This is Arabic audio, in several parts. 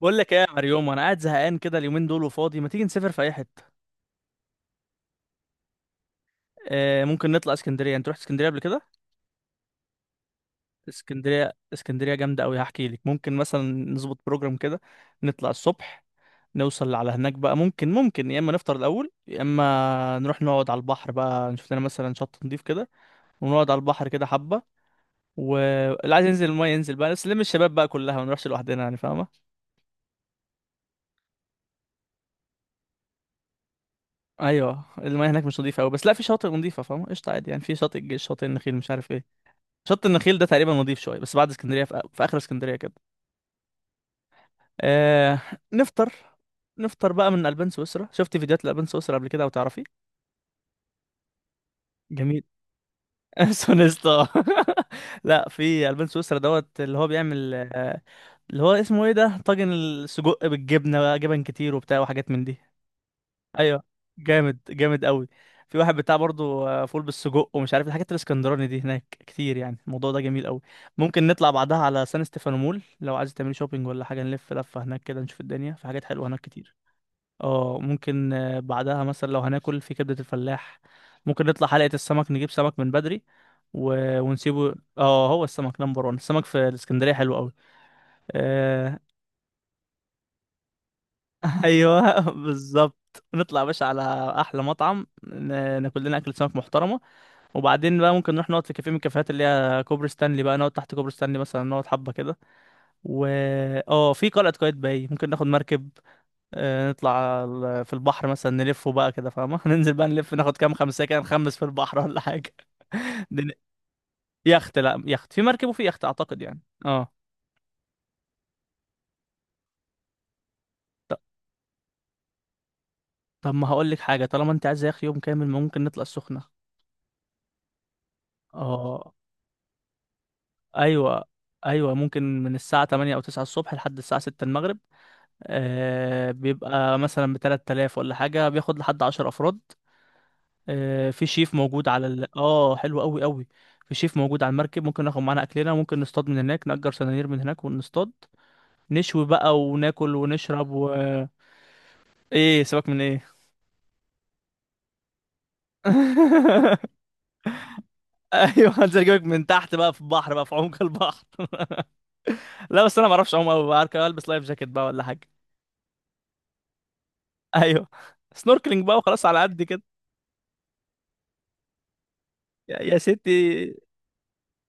بقول لك ايه يا مريوم، انا قاعد زهقان كده اليومين دول وفاضي. ما تيجي نسافر في اي حته؟ ممكن نطلع اسكندريه. انت رحت اسكندريه قبل كده؟ اسكندريه جامده قوي، هحكي لك. ممكن مثلا نظبط بروجرام كده، نطلع الصبح، نوصل على هناك بقى. ممكن يا اما نفطر الاول، يا اما نروح نقعد على البحر بقى، نشوف لنا مثلا شط نضيف كده، ونقعد على البحر كده حبه، واللي عايز ينزل المايه ينزل بقى. بس نلم الشباب بقى كلها، ما نروحش لوحدنا يعني، فاهمه؟ ايوه المايه هناك مش نضيفه قوي، بس لا في شاطئ نضيفه، فاهمه؟ قشطه، عادي يعني. في شاطئ الجيش، شاطئ النخيل، مش عارف ايه. شط النخيل ده تقريبا نضيف شويه، بس بعد اسكندريه، في اخر اسكندريه كده. آه. نفطر نفطر بقى من البان سويسرا، شفت فيديوهات الالبان سويسرا قبل كده او تعرفي؟ جميل. سونستا. لا، في البان سويسرا دوت، اللي هو بيعمل اللي هو اسمه ايه ده، طاجن السجق بالجبنه بقى، جبن كتير وبتاع وحاجات من دي. ايوه. جامد قوي. في واحد بتاع برضه فول بالسجق ومش عارف الحاجات الاسكندراني دي هناك كتير يعني. الموضوع ده جميل قوي. ممكن نطلع بعدها على سان ستيفانو مول لو عايز تعملي شوبينج ولا حاجه، نلف لفه هناك كده، نشوف الدنيا، في حاجات حلوه هناك كتير. اه ممكن بعدها مثلا لو هناكل في كبده الفلاح. ممكن نطلع حلقه السمك، نجيب سمك من بدري و... ونسيبه. اه هو السمك نمبر 1، السمك في الاسكندريه حلو قوي. ايوه بالظبط. نطلع يا باشا على احلى مطعم، ناكل لنا اكل سمك محترمه، وبعدين بقى ممكن نروح نقعد في كافيه من الكافيهات اللي هي كوبري ستانلي بقى، نقعد تحت كوبري ستانلي مثلا، نقعد حبه كده و اه. في قلعه قايتباي، ممكن ناخد مركب نطلع في البحر مثلا، نلفه بقى كده، فاهمه؟ ننزل بقى نلف، ناخد كام خمسه كده، نخمس في البحر ولا حاجه. دن- يخت؟ لا، يخت في، مركب وفي يخت اعتقد يعني. اه. ط- طب ما هقول لك حاجه. طالما انت عايز يا اخي يوم كامل، ممكن نطلع السخنه. اه. ايوه. ايوه، ممكن من الساعه 8 او 9 الصبح لحد الساعه 6 المغرب. آه بيبقى مثلا ب 3000 ولا حاجه، بياخد لحد 10 افراد. آه في شيف موجود على اه، حلو قوي. في شيف موجود على المركب، ممكن ناخد معانا اكلنا، ممكن نصطاد من هناك، نأجر سنانير من هناك ونصطاد، نشوي بقى وناكل ونشرب ايه، سيبك من ايه؟ ايوه هنزل اجيبك من تحت بقى في البحر بقى، في عمق البحر. لا بس انا ما اعرفش اعوم قوي بقى، البس لايف جاكيت بقى ولا حاجه. ايوه. سنوركلينج بقى وخلاص، على قد كده. يا ستي،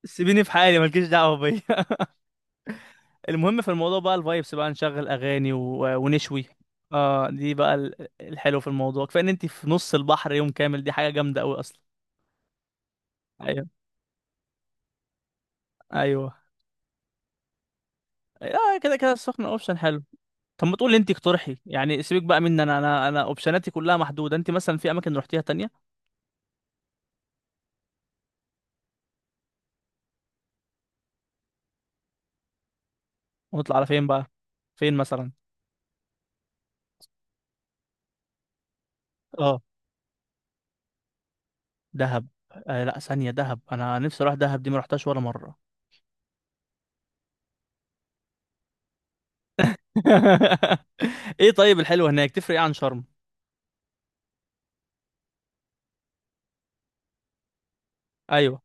سيبيني في حالي، مالكيش دعوه بيا. المهم في الموضوع بقى الفايبس بقى، نشغل اغاني و ونشوي اه دي بقى الحلو في الموضوع، كفايه ان انت في نص البحر يوم كامل، دي حاجه جامده قوي اصلا. ايوه. ايوه. اه كده كده السخنه اوبشن حلو. طب ما تقولي انت، اقترحي يعني، سيبك بقى مني، انا اوبشناتي كلها محدوده، انت مثلا في اماكن رحتيها تانية. ونطلع على فين بقى؟ فين مثلا؟ اه. دهب. آه لا، ثانيه، دهب انا نفسي اروح دهب دي، ما رحتهاش ولا مره. ايه طيب، الحلوة هناك تفرق ايه عن شرم؟ ايوه.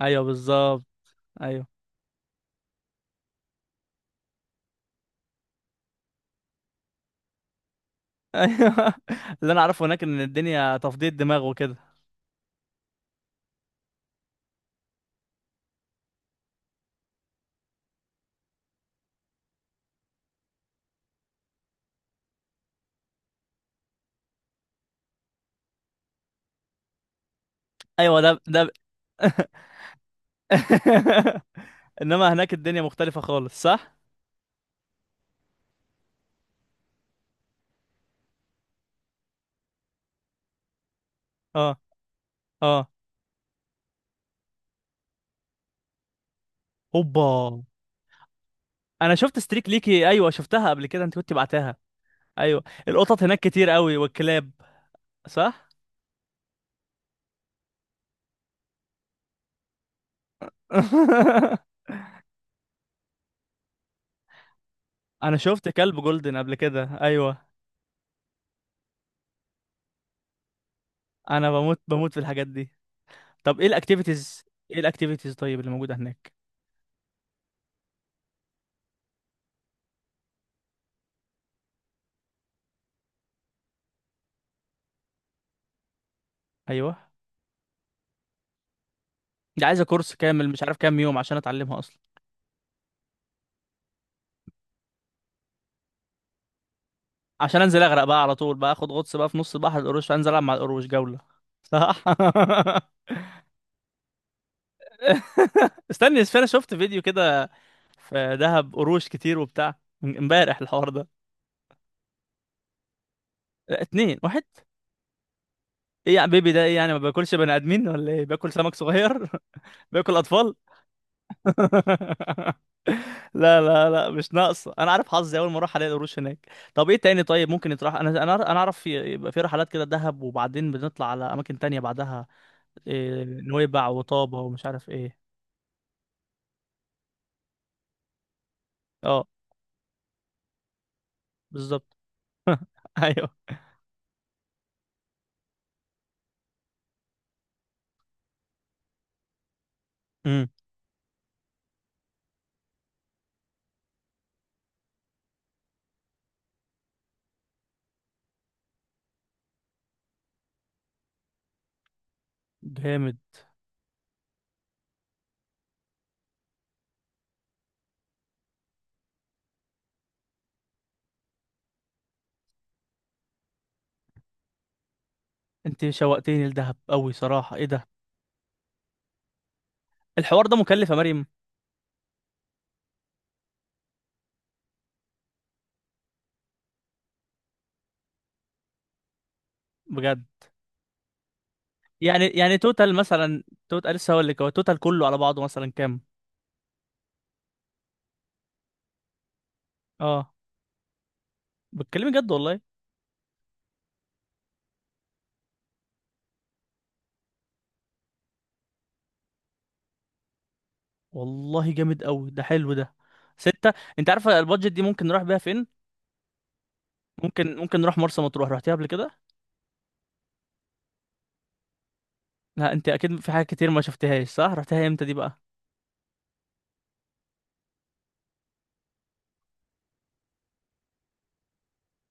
ايوه بالظبط. ايوه. ايوه اللي انا اعرفه هناك ان الدنيا تفضية دماغ وكده. ايوه. ده. انما هناك الدنيا مختلفة خالص، صح؟ اه. اه. اوبا. انا شفت ستريك ليكي، ايوه شفتها قبل كده انت كنت بعتها. ايوه، القطط هناك كتير قوي والكلاب. صح. انا شفت كلب جولدن قبل كده، ايوه. انا بموت في الحاجات دي. طب ايه الاكتيفيتيز؟ ايه الاكتيفيتيز طيب اللي موجوده هناك؟ ايوه. دي عايزه كورس كامل، مش عارف كام يوم عشان اتعلمها اصلا. عشان انزل اغرق بقى على طول بقى، اخد غطس بقى في نص بحر القروش، انزل العب مع القروش جوله. صح. استني بس، انا شفت فيديو كده، في دهب قروش كتير وبتاع، من امبارح الحوار ده. لا، اتنين، واحد. ايه يا بيبي ده ايه يعني، ما باكلش بني ادمين ولا ايه، باكل سمك صغير؟ باكل اطفال. لا، مش ناقصه، انا عارف حظي اول ما اروح الاقي القروش هناك. طب ايه تاني طيب، ممكن يتراح. انا اعرف يبقى في رحلات كده دهب، وبعدين بنطلع على اماكن تانية بعدها، إيه نويبع وطابة ومش عارف ايه. اه بالظبط. ايوه. امم جامد. انت شوقتيني لدهب قوي صراحه، ايه ده. الحوار ده مكلف يا مريم؟ بجد؟ يعني يعني توتال مثلا، توتال لسه هقول لك، هو توتال كله على بعضه مثلا كام؟ اه. بتكلمي جد والله؟ والله جامد قوي، ده حلو ده. ستة. انت عارفه البادجت دي ممكن نروح بيها فين؟ ممكن، ممكن نروح مرسى مطروح، رحتيها قبل كده؟ لا انت اكيد في حاجات كتير ما شفتهاش، صح؟ رحتيها امتى دي بقى؟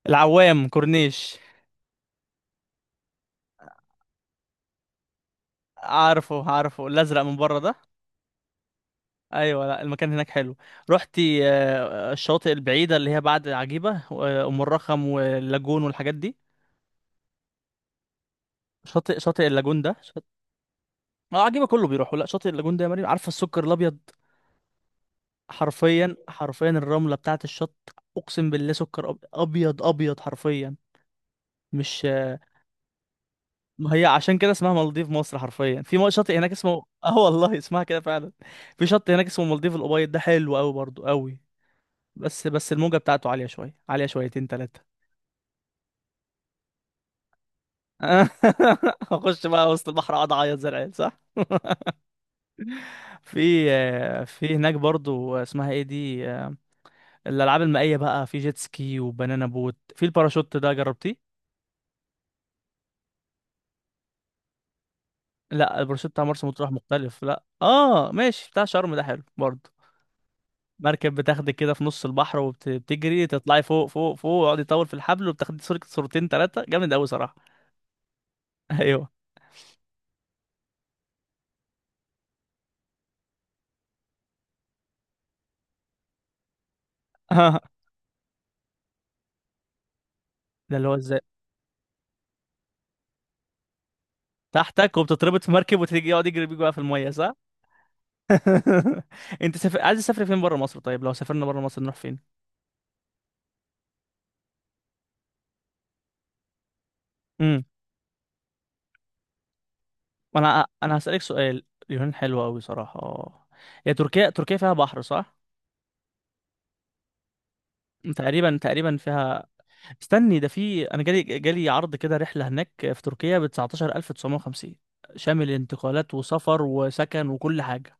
العوام، كورنيش؟ عارفه، عارفه الازرق من بره ده؟ ايوه، لا المكان هناك حلو. رحتي الشواطئ البعيده اللي هي بعد عجيبه وام الرخم واللاجون والحاجات دي؟ شاطئ اللاجون ده اه عجيبه كله بيروحوا. لا شاطئ اللاجون ده يا مريم، عارفه السكر الابيض؟ حرفيا، حرفيا الرمله بتاعه الشط، اقسم بالله سكر، ابيض ابيض حرفيا، مش... ما هي عشان كده اسمها مالديف مصر، حرفيا في شاطئ هناك اسمه اه والله اسمها كده فعلا. في شط هناك اسمه مالديف الأبيض، ده حلو قوي برضو قوي. بس بس الموجة بتاعته عالية شوية، عالية شويتين تلاتة. هخش بقى وسط البحر اقعد اعيط زي العيال، صح؟ في في هناك برضو اسمها ايه دي، الالعاب المائية بقى، في جيت سكي وبنانا بوت، في الباراشوت ده، جربتيه؟ لا الباراشوت بتاع مرسى مطروح مختلف، لا اه ماشي، بتاع شرم ده حلو برضو. مركب بتاخدك كده في نص البحر، وبتجري تطلعي فوق فوق فوق، ويقعد يطول في الحبل، وبتاخدي صورة صورتين ثلاثة، جامد قوي صراحة. ايوه. ده اللي هو ازاي؟ تحتك وبتتربط في مركب، وتيجي يقعد يجري بيك بقى في المية، صح؟ عايز تسافري فين بره مصر؟ طيب لو سافرنا بره مصر نروح فين؟ امم انا هسألك سؤال. اليونان حلوة قوي صراحة. هي تركيا، تركيا فيها بحر، صح؟ تقريبا، تقريبا فيها. استني، ده في، انا جالي عرض كده رحله هناك في تركيا ب 19950، شامل انتقالات وسفر وسكن وكل حاجه.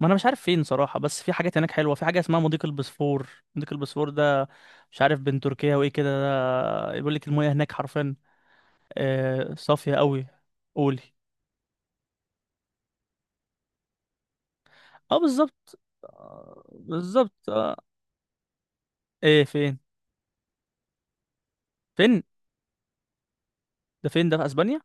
ما انا مش عارف فين صراحه، بس في حاجات هناك حلوه، في حاجه اسمها مضيق البسفور. مضيق البسفور ده مش عارف بين تركيا وايه كده، ده بيقول لك المياه هناك حرفيا صافيه قوي. قولي. اه بالظبط بالظبط ايه فين؟ فين؟ ده فين، ده في اسبانيا؟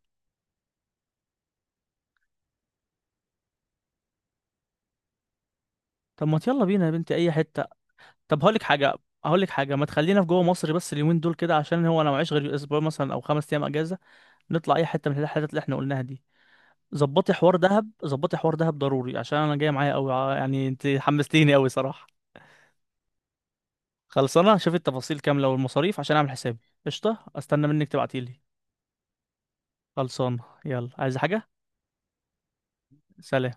طب ما يلا بينا يا بنتي، اي حته. طب هقول لك حاجه، هقول لك حاجه، ما تخلينا في جوه مصر بس اليومين دول كده، عشان هو انا معيش غير اسبوع مثلا او 5 ايام اجازه. نطلع اي حته من الحتت اللي احنا قلناها دي. ظبطي حوار دهب، ظبطي حوار دهب ضروري عشان انا جاي معايا قوي يعني، انت حمستيني قوي صراحه. خلصانه، شوفي التفاصيل كامله والمصاريف عشان اعمل حسابي. قشطه، استنى منك تبعتيلي. خلصانه. يلا، عايزه حاجه؟ سلام.